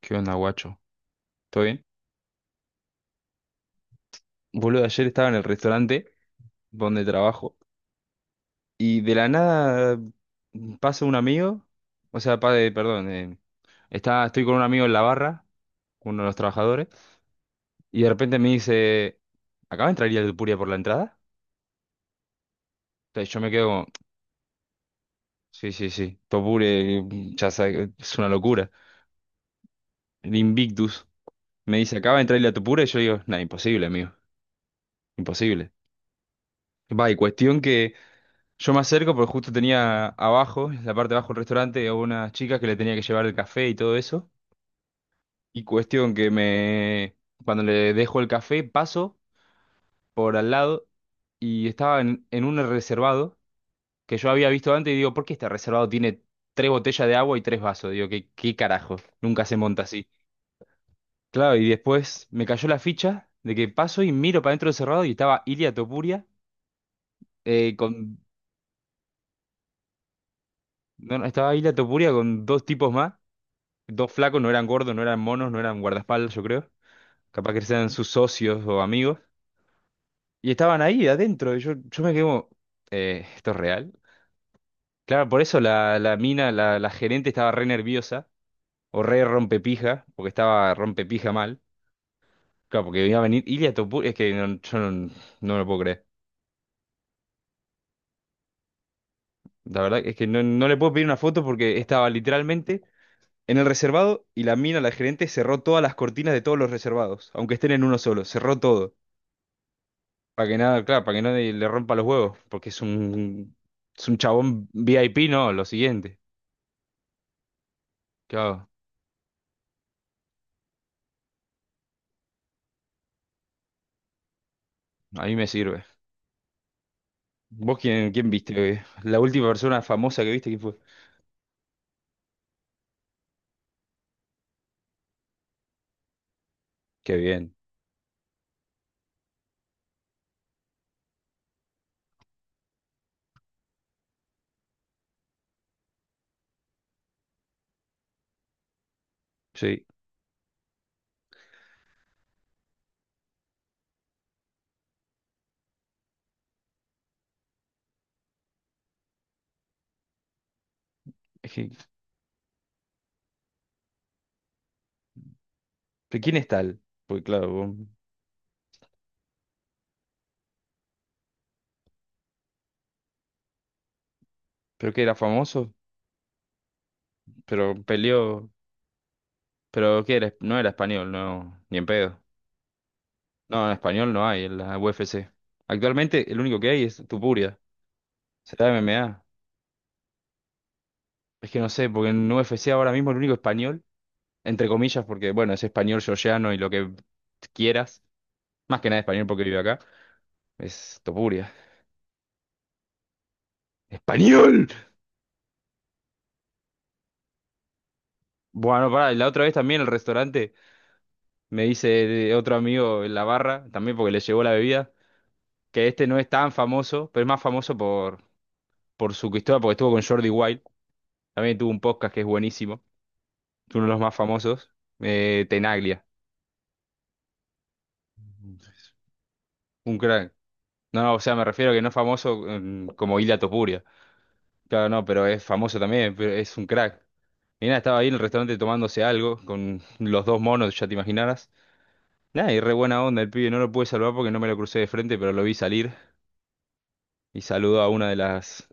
¿Qué onda, guacho? ¿Todo bien? Boludo, ayer estaba en el restaurante donde trabajo y de la nada pasa un amigo, o sea, perdón, estoy con un amigo en la barra, uno de los trabajadores, y de repente me dice, ¿acá entraría el Tupuria por la entrada? Entonces yo me quedo como, sí, sí, sí, Topure, ya sabe, es una locura. El Invictus me dice, ¿acaba de entrar el Tupuria? Y yo digo, nada, imposible, amigo, imposible. Va, y cuestión que... Yo me acerco porque justo tenía abajo, en la parte de abajo del restaurante, a una chica que le tenía que llevar el café y todo eso. Y cuestión que me... Cuando le dejo el café, paso por al lado y estaba en un reservado que yo había visto antes y digo, ¿por qué este reservado tiene tres botellas de agua y tres vasos? Digo, ¿qué carajo? Nunca se monta así. Claro, y después me cayó la ficha de que paso y miro para dentro del cerrado y estaba Ilia Topuria eh, con... no, no, estaba Ilia Topuria con dos tipos más. Dos flacos, no eran gordos, no eran monos, no eran guardaespaldas, yo creo. Capaz que sean sus socios o amigos. Y estaban ahí adentro. Y yo me quedé como, ¿esto es real? Claro, por eso la mina, la gerente estaba re nerviosa o re rompepija, porque estaba rompepija mal. Claro, porque iba a venir Ilia Topuria. Es que no, yo no, no lo puedo creer. La verdad es que no, no le puedo pedir una foto porque estaba literalmente en el reservado y la mina, la gerente, cerró todas las cortinas de todos los reservados, aunque estén en uno solo. Cerró todo. Para que nada, claro, para que nadie le rompa los huevos, porque es un chabón VIP, no, lo siguiente. Claro, a mí me sirve. ¿Vos quién viste? La última persona famosa que viste, ¿quién fue? Qué bien. Sí. Es que, ¿pero quién es tal? Pues claro, vos- pero que era famoso, pero peleó, pero que era, no era español, no, ni en pedo. No, en español no hay en la UFC. Actualmente el único que hay es Tupuria. Será MMA. Es que no sé, porque en UFC ahora mismo el único español entre comillas, porque bueno, es español georgiano y lo que quieras, más que nada español porque vive acá, es Topuria. ¡Español! Bueno, pará, la otra vez también el restaurante me dice de otro amigo en la barra, también porque le llevó la bebida, que este no es tan famoso, pero es más famoso por su historia, porque estuvo con Jordi Wild, también tuvo un podcast que es buenísimo, es uno de los más famosos, Tenaglia, un crack. No, no, o sea, me refiero a que no es famoso como Ilia Topuria. Claro, no, pero es famoso también, pero es un crack. Y nada, estaba ahí en el restaurante tomándose algo con los dos monos, ya te imaginarás. Nada, y re buena onda el pibe, no lo pude saludar porque no me lo crucé de frente, pero lo vi salir y saludó a una de las,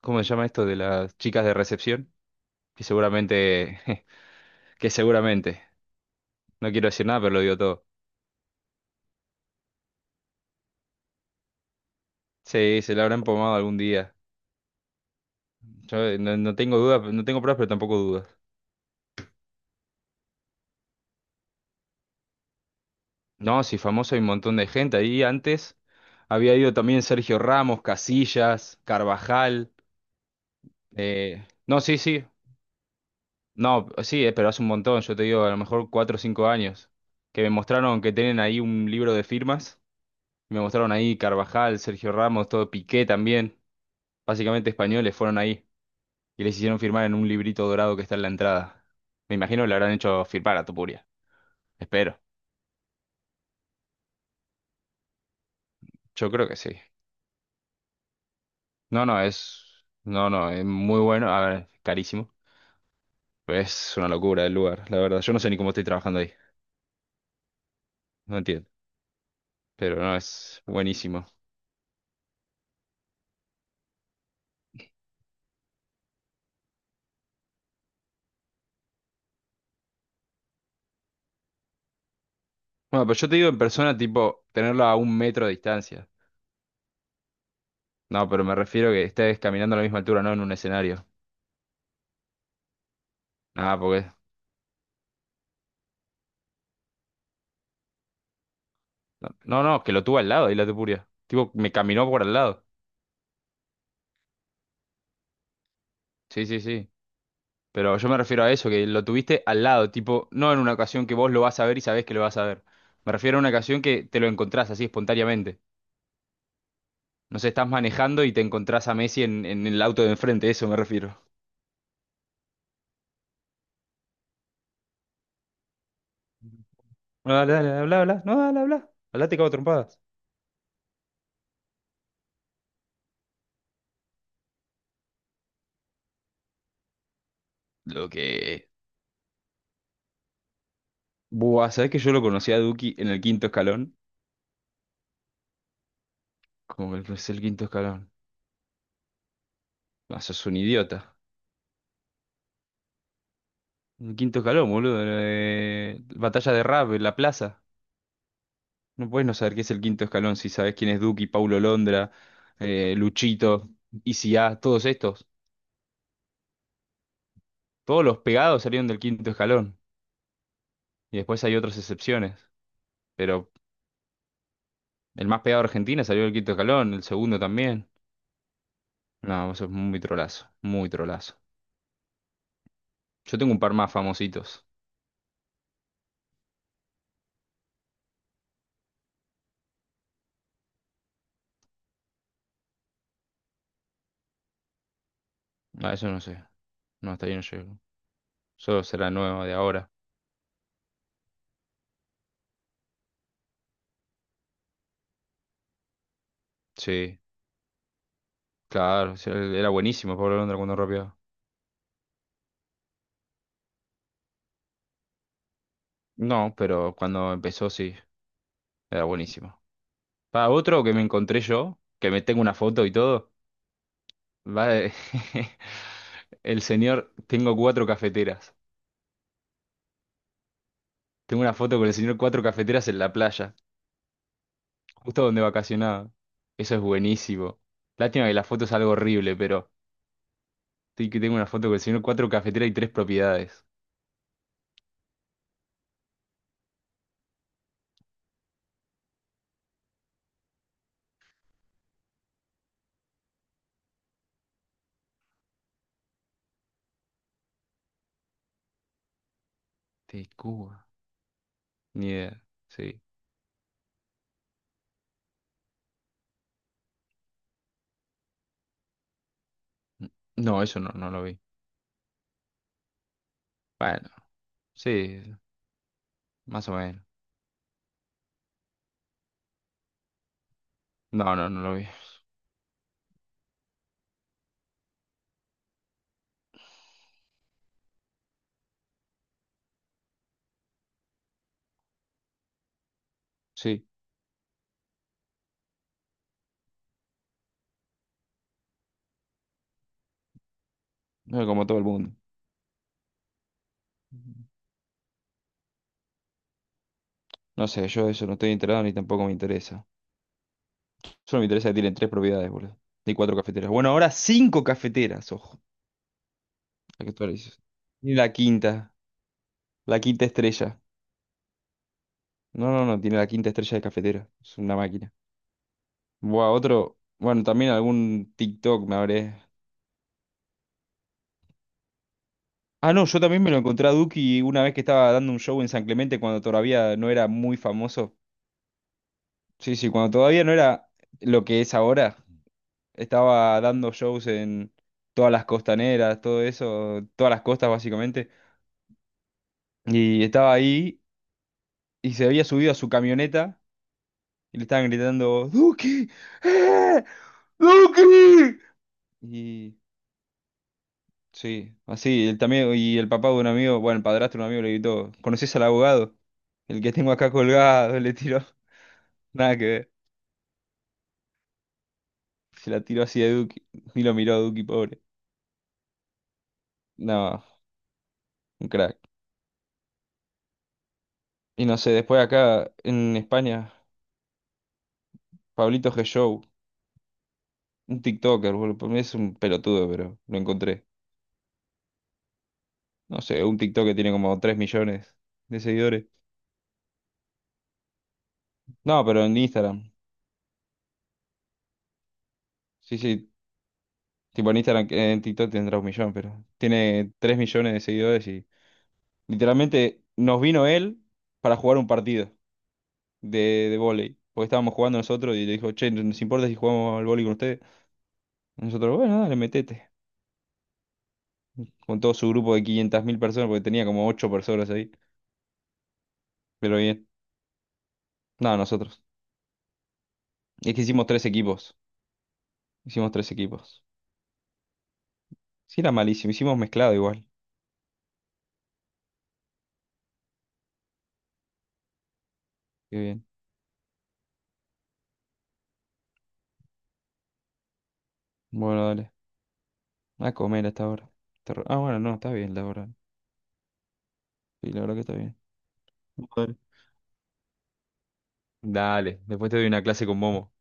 ¿cómo se llama esto? De las chicas de recepción, que seguramente, que seguramente, no quiero decir nada, pero lo digo todo. Sí, se la habrán pomado algún día. Yo no, no tengo dudas, no tengo pruebas, pero tampoco dudas. No, sí, famoso hay un montón de gente. Ahí antes había ido también Sergio Ramos, Casillas, Carvajal. No, sí, sí. No, sí, pero hace un montón, yo te digo, a lo mejor 4 o 5 años, que me mostraron que tienen ahí un libro de firmas, me mostraron ahí Carvajal, Sergio Ramos, todo Piqué también, básicamente españoles fueron ahí y les hicieron firmar en un librito dorado que está en la entrada. Me imagino que le habrán hecho firmar a Tupuria, espero, yo creo que sí. No, no, es, no, no, es muy bueno, a ver, carísimo, pero es una locura el lugar, la verdad, yo no sé ni cómo estoy trabajando ahí, no entiendo, pero no, es buenísimo. Bueno, pero yo te digo en persona, tipo, tenerlo a 1 metro de distancia. No, pero me refiero que estés caminando a la misma altura, no en un escenario. Nada, porque... No, no, no, que lo tuve al lado, y la Tupuria. Tipo, me caminó por al lado. Sí, sí, sí. Pero yo me refiero a eso, que lo tuviste al lado, tipo, no en una ocasión que vos lo vas a ver y sabés que lo vas a ver. Me refiero a una ocasión que te lo encontrás así espontáneamente. No sé, estás manejando y te encontrás a Messi en el auto de enfrente, eso me refiero. No, dale, dale, habla, habla. No, dale, habla. Habla, te cago a trompadas. Lo que... Buah, ¿sabés que yo lo conocí a Duki en el quinto escalón? Como que es el quinto escalón. No, sos un idiota. El quinto escalón, boludo. Batalla de rap en la plaza. No puedes no saber qué es el quinto escalón si sabes quién es Duki, Paulo Londra, Luchito, Easy a todos estos. Todos los pegados salieron del quinto escalón. Y después hay otras excepciones. Pero el más pegado de Argentina salió del quinto escalón, el segundo también. No, eso es muy trolazo, muy trolazo. Yo tengo un par más famositos. Ah, eso no sé. No, hasta ahí no llego. Solo será nuevo de ahora. Sí, claro. Sí, él era buenísimo Pablo Londra cuando rapeaba. No, pero cuando empezó sí, era buenísimo. Para otro que me encontré yo, que me tengo una foto y todo, va de- el señor, tengo cuatro cafeteras. Tengo una foto con el señor cuatro cafeteras en la playa, justo donde vacacionaba. Eso es buenísimo. Lástima que la foto es algo horrible, pero sí que tengo una foto con el señor cuatro cafeteras y tres propiedades. De Cuba. Ni idea. Sí. No, eso no, no lo vi. Bueno, sí, más o menos. No, no, no lo vi. Sí, no, como todo el mundo. No sé, yo eso no estoy enterado ni tampoco me interesa. Solo me interesa que tienen tres propiedades, boludo. Y cuatro cafeteras. Bueno, ahora cinco cafeteras, ojo. La que tú dices. Y la quinta estrella. No, no, no, tiene la quinta estrella de cafetera. Es una máquina. Buah, otro. Bueno, también algún TikTok me habré. Ah, no, yo también me lo encontré a Duki una vez que estaba dando un show en San Clemente cuando todavía no era muy famoso. Sí, sí, cuando todavía no era lo que es ahora, estaba dando shows en todas las costaneras, todo eso, todas las costas básicamente, y estaba ahí y se había subido a su camioneta y le estaban gritando, ¡Duki! ¡Eh! ¡Duki! Y sí, así, él también, y el papá de un amigo, bueno, el padrastro de un amigo le gritó, ¿conoces al abogado? El que tengo acá colgado, le tiró, nada que ver, se la tiró así a Duki, y lo miró a Duki, pobre. No, un crack. Y no sé, después acá en España, Pablito G. Show, un TikToker, boludo, por mí es un pelotudo, pero lo encontré. No sé, un TikTok que tiene como 3 millones de seguidores. No, pero en Instagram. Sí, sí, tipo en Instagram, que en TikTok tendrá 1 millón, pero tiene 3 millones de seguidores y literalmente nos vino él para jugar un partido de vóley. Porque estábamos jugando nosotros y le dijo, che, ¿nos importa si jugamos al vóley con ustedes? Y nosotros, bueno, dale, metete. Con todo su grupo de 500.000 personas, porque tenía como 8 personas ahí. Pero bien. No, nosotros. Es que hicimos tres equipos. Hicimos tres equipos. Sí, era malísimo. Hicimos mezclado igual. Qué bien. Bueno, dale. A comer hasta ahora. Ah, bueno, no, está bien la hora. Sí, la verdad que está bien. Dale. Dale, después te doy una clase con Momo.